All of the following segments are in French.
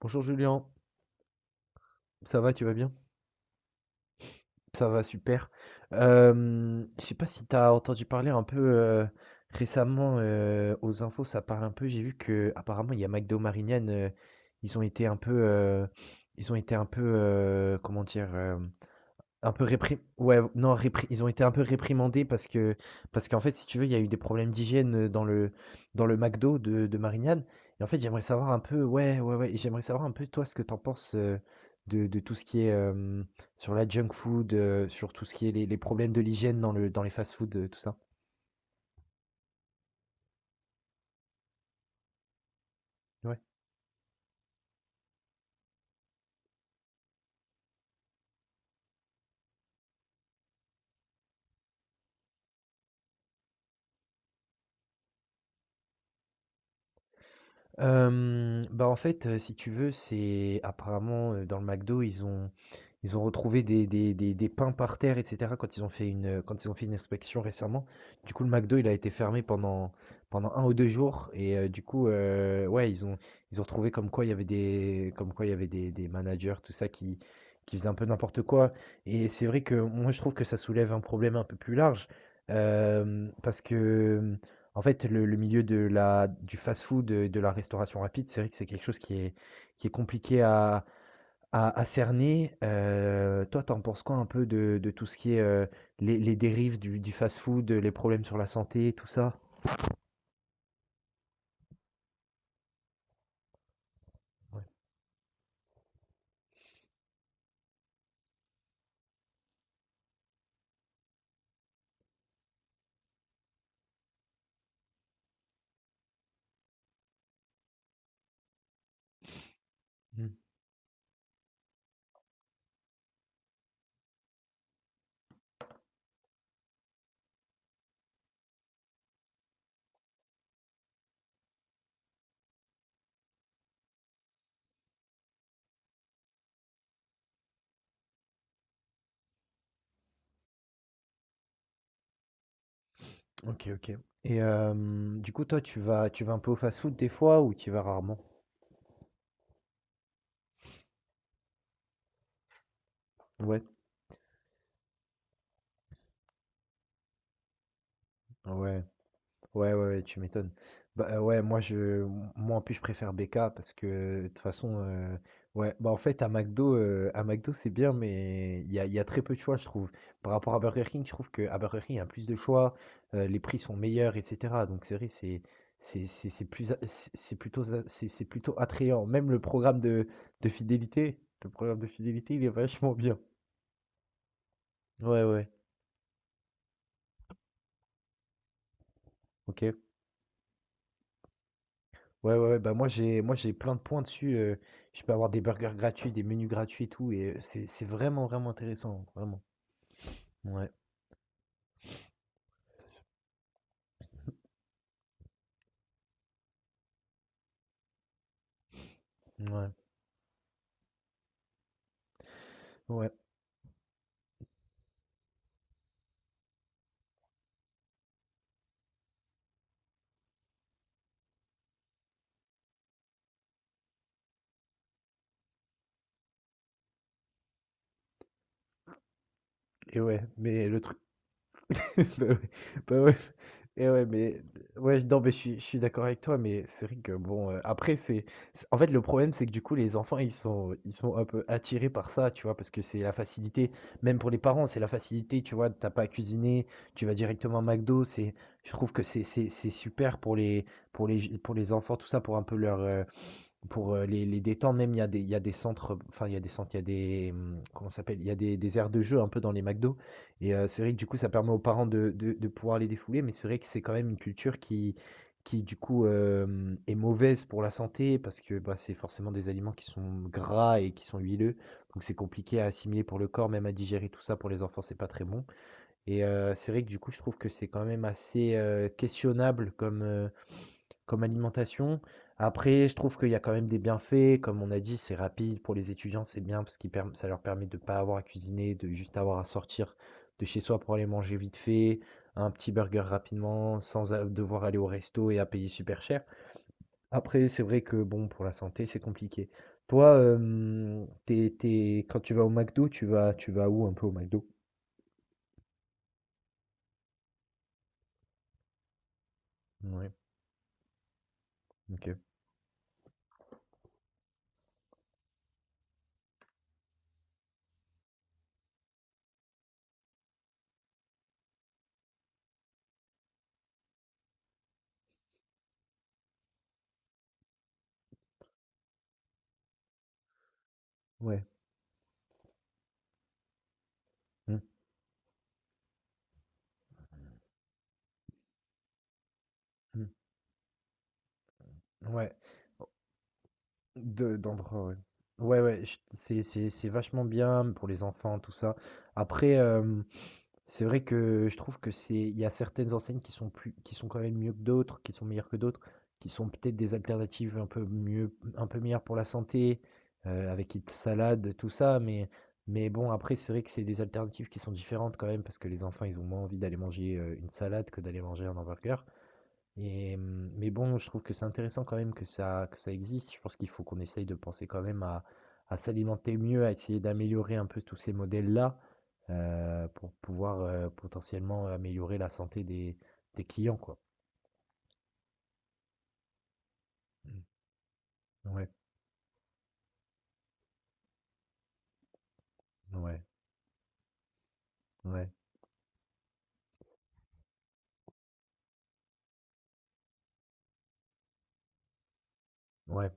Bonjour Julien, ça va, tu vas bien? Ça va, super. Je sais pas si tu as entendu parler un peu récemment aux infos, ça parle un peu. J'ai vu que apparemment il y a McDo Marignane, ils ont été un peu, euh, ils ont été un peu, comment dire, Un peu réprim ouais, non, répri ils ont été un peu réprimandés parce que parce qu'en fait, si tu veux, il y a eu des problèmes d'hygiène, dans le McDo de Marignane et en fait, j'aimerais savoir un peu ouais, ouais, ouais, et j'aimerais savoir un peu toi ce que t'en penses, de tout ce qui est, sur la junk food, sur tout ce qui est les problèmes de l'hygiène dans le dans les fast-food, tout ça? Ouais. Hem, bah, en fait, si tu veux, c'est apparemment, dans le McDo, ils ont retrouvé des pains par terre et cetera quand ils ont fait quand ils ont fait une inspection récemment. Du coup, le McDo, il a été fermé pendant un ou 2 jours et ouais, ils ont retrouvé comme quoi il y avait des managers, tout ça, qui faisaient un peu n'importe quoi et c'est vrai que moi, je trouve que ça soulève un problème un peu plus large, hem, parce que, en fait, le milieu de la du fast-food, de la restauration rapide, c'est vrai que c'est quelque chose qui est compliqué à cerner. Toi, t'en penses quoi un peu de tout ce qui est les dérives du fast-food, les problèmes sur la santé, tout ça? Ouais. Mm. Ok, ok. Et du coup, toi, tu vas un peu au fast-food des fois ou tu y vas rarement? Ouais, ouais. Ouais, ouais, ouais, tu m'étonnes. Bah, heu, ouais, moi, je moi, en plus, je préfère BK parce que, de toute façon, en fait, à McDo, c'est bien, mais il y a très peu de choix, je trouve. Par rapport à Burger King, je trouve qu'à Burger King, il y a plus de choix, les prix sont meilleurs et cetera. Donc c'est vrai, c'est plus a c'est plutôt za c'est plutôt attrayant. Même le programme de fidélité, le programme de fidélité, il est vachement bien. Ouais, ouais, OK. Ouais, ouais, ouais, bah moi j'ai plein de points dessus. Je peux avoir des burgers gratuits, des menus gratuits et tout. Et c'est vraiment intéressant. Vraiment. Ouais, ouais, ouais. Et ouais. Mais le truc. Bah ouais, bah ouais. Et ouais, mais ouais, non, mais je suis d'accord avec toi, mais c'est vrai que bon, en fait, le problème, c'est que du coup, les enfants, ils sont un peu attirés par ça, tu vois, parce que c'est la facilité, même pour les parents, c'est la facilité, tu vois, t'as pas à cuisiner, tu vas directement à McDo, je trouve que c'est super pour les enfants, tout ça, pour un peu les détendre même, il y a des il y a des centres, enfin, il y a des centres, il y a des, comment ça s'appelle? Il y a des aires de jeux un peu dans les McDo et c'est vrai que du coup, ça permet aux parents de pouvoir les défouler, mais c'est vrai que c'est quand même une culture qui du coup, est mauvaise pour la santé parce que, bah, c'est forcément des aliments qui sont gras et qui sont huileux, donc c'est compliqué à assimiler pour le corps, même à digérer tout ça pour les enfants, c'est pas très bon et c'est vrai que du coup, je trouve que c'est quand même assez, questionnable comme comme alimentation, après je trouve qu'il y a quand même des bienfaits, comme on a dit, c'est rapide pour les étudiants, c'est bien parce qu'ils perm ça leur permet de ne pas avoir à cuisiner, de juste avoir à sortir de chez soi pour aller manger vite fait, un petit burger rapidement, sans a devoir aller au resto et à payer super cher. Après, c'est vrai que bon, pour la santé, c'est compliqué. Toi, hem, tu es quand tu vas au McDo, tu vas où un peu au McDo? Ouais, OK. Ouais. Mmh mh. Ouais. De d'endroits, ouais. Ouais, ouais, ch c'est vachement bien pour les enfants, tout ça. Après, c'est vrai que je trouve que c'est il y a certaines enseignes qui sont quand même mieux que d'autres, qui sont meilleures que d'autres, qui sont peut-être des alternatives un peu mieux un peu meilleures pour la santé, avec une salade, tout ça, mais bon, après, c'est vrai que c'est des alternatives qui sont différentes quand même parce que les enfants, ils ont moins envie d'aller manger, une salade que d'aller manger un hamburger. Et, mais bon, je trouve que c'est intéressant quand même que ça existe. Je pense qu'il faut qu'on essaye de penser quand même à s'alimenter mieux, à essayer d'améliorer un peu tous ces modèles-là pour pouvoir potentiellement améliorer la santé des clients, quoi. Mm. Ouais, ouais, ouais, ouais.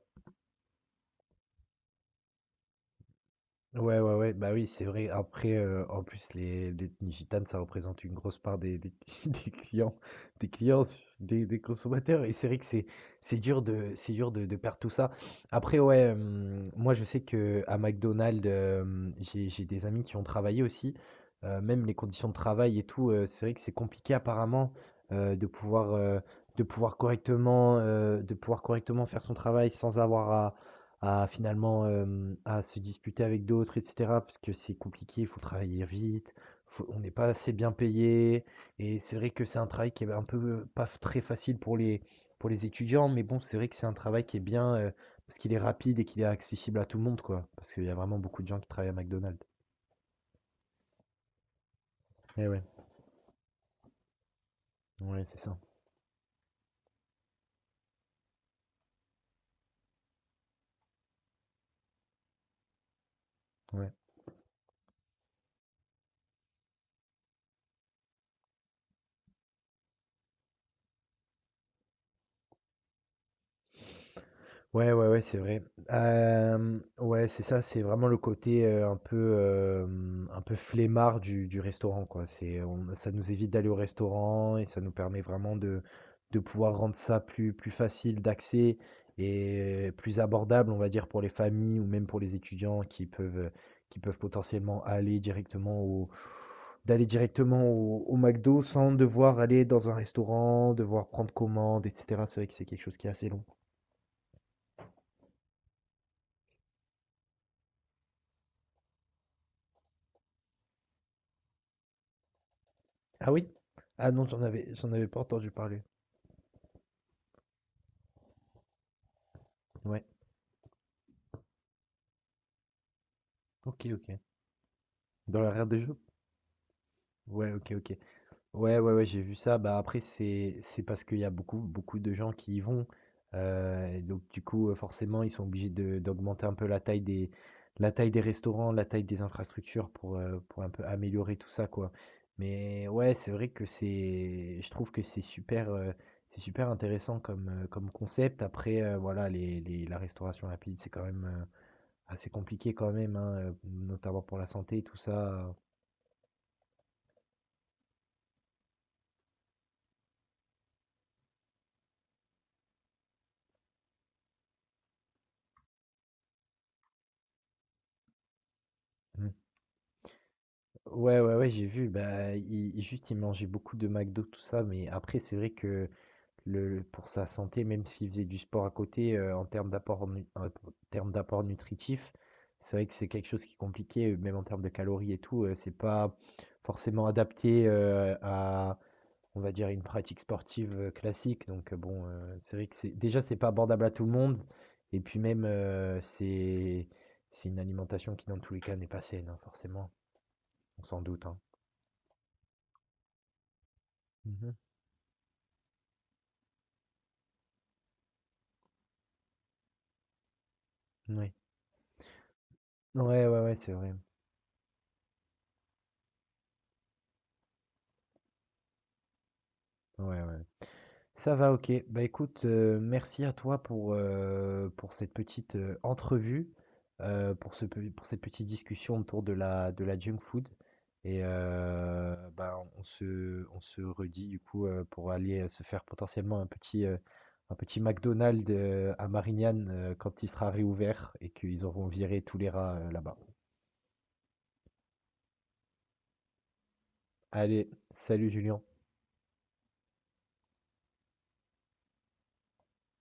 Ouais, ouais, ouais, bah oui, c'est vrai. Après, en plus, les l'ethnie gitane, ça représente une grosse part des des clients des clients, des consommateurs et c'est vrai que c'est dur de perdre tout ça. Après, ouais, moi, je sais que à McDonald's, hem, j'ai des amis qui ont travaillé aussi, même les conditions de travail et tout, c'est vrai que c'est compliqué apparemment, heu, de pouvoir, heu, de pouvoir correctement faire son travail sans avoir à finalement à se disputer avec d'autres et cetera, parce que c'est compliqué, il faut travailler vite, faut on n'est pas assez bien payé et c'est vrai que c'est un travail qui est un peu pas f très facile pour les étudiants, mais bon, c'est vrai que c'est un travail qui est bien, parce qu'il est rapide et qu'il est accessible à tout le monde, quoi. Parce qu'il y a vraiment beaucoup de gens qui travaillent à McDonald's. Et ouais, ouais, c'est ça. Ouais. Ouais, ouais, ouais, c'est vrai. Ouais, c'est ça, c'est vraiment le côté, un peu flemmard du restaurant, quoi. C'est on ça nous évite d'aller au restaurant et ça nous permet vraiment de pouvoir rendre ça plus facile d'accès et plus abordable, on va dire, pour les familles ou même pour les étudiants qui peuvent potentiellement aller directement au d'aller directement au McDo sans devoir aller dans un restaurant, devoir prendre commande et cetera. C'est vrai que c'est quelque chose qui est assez long. Ah oui? Ah non, j'en avais pas entendu parler. Ouais, OK, OK. Dans l'arrière des jeux? Ouais, OK, OK. Ouais, ouais, ouais, j'ai vu ça. Bah après, c'est parce qu'il y a beaucoup, beaucoup de gens qui y vont. Et donc du coup, forcément, ils sont obligés de d'augmenter un peu la taille des restaurants, la taille des infrastructures pour un peu améliorer tout ça, quoi. Mais ouais, c'est vrai que c'est je trouve que c'est super intéressant comme, comme concept. Après, voilà, la restauration rapide, c'est quand même. Ah, c'est compliqué quand même, hein, notamment pour la santé, tout ça. Mmh. Ouais, ouais, ouais, j'ai vu, juste, il mangeait beaucoup de McDo, tout ça, mais après, c'est vrai que le pour sa santé, même s'il faisait du sport à côté, en termes d'apport nutritif, c'est vrai que c'est quelque chose qui est compliqué, même en termes de calories et tout, c'est pas forcément adapté, à on va dire, une pratique sportive, classique donc bon, c'est vrai que c'est pas abordable à tout le monde et puis même, c'est une alimentation qui, dans tous les cas, n'est pas saine, hein, forcément. On s'en doute, hein. Mmh mh. Ouais, ouais, ouais, c'est vrai. Ouais, ouais. Ça va, OK. Bah, écoute, merci à toi pour cette petite, entrevue, pour ce pe pour cette petite discussion autour de la junk food et bah, on se redit du coup, pour aller, se faire potentiellement un petit McDonald's, à Marignane, quand il sera réouvert et qu'ils auront viré tous les rats, là-bas. Allez, salut Julien.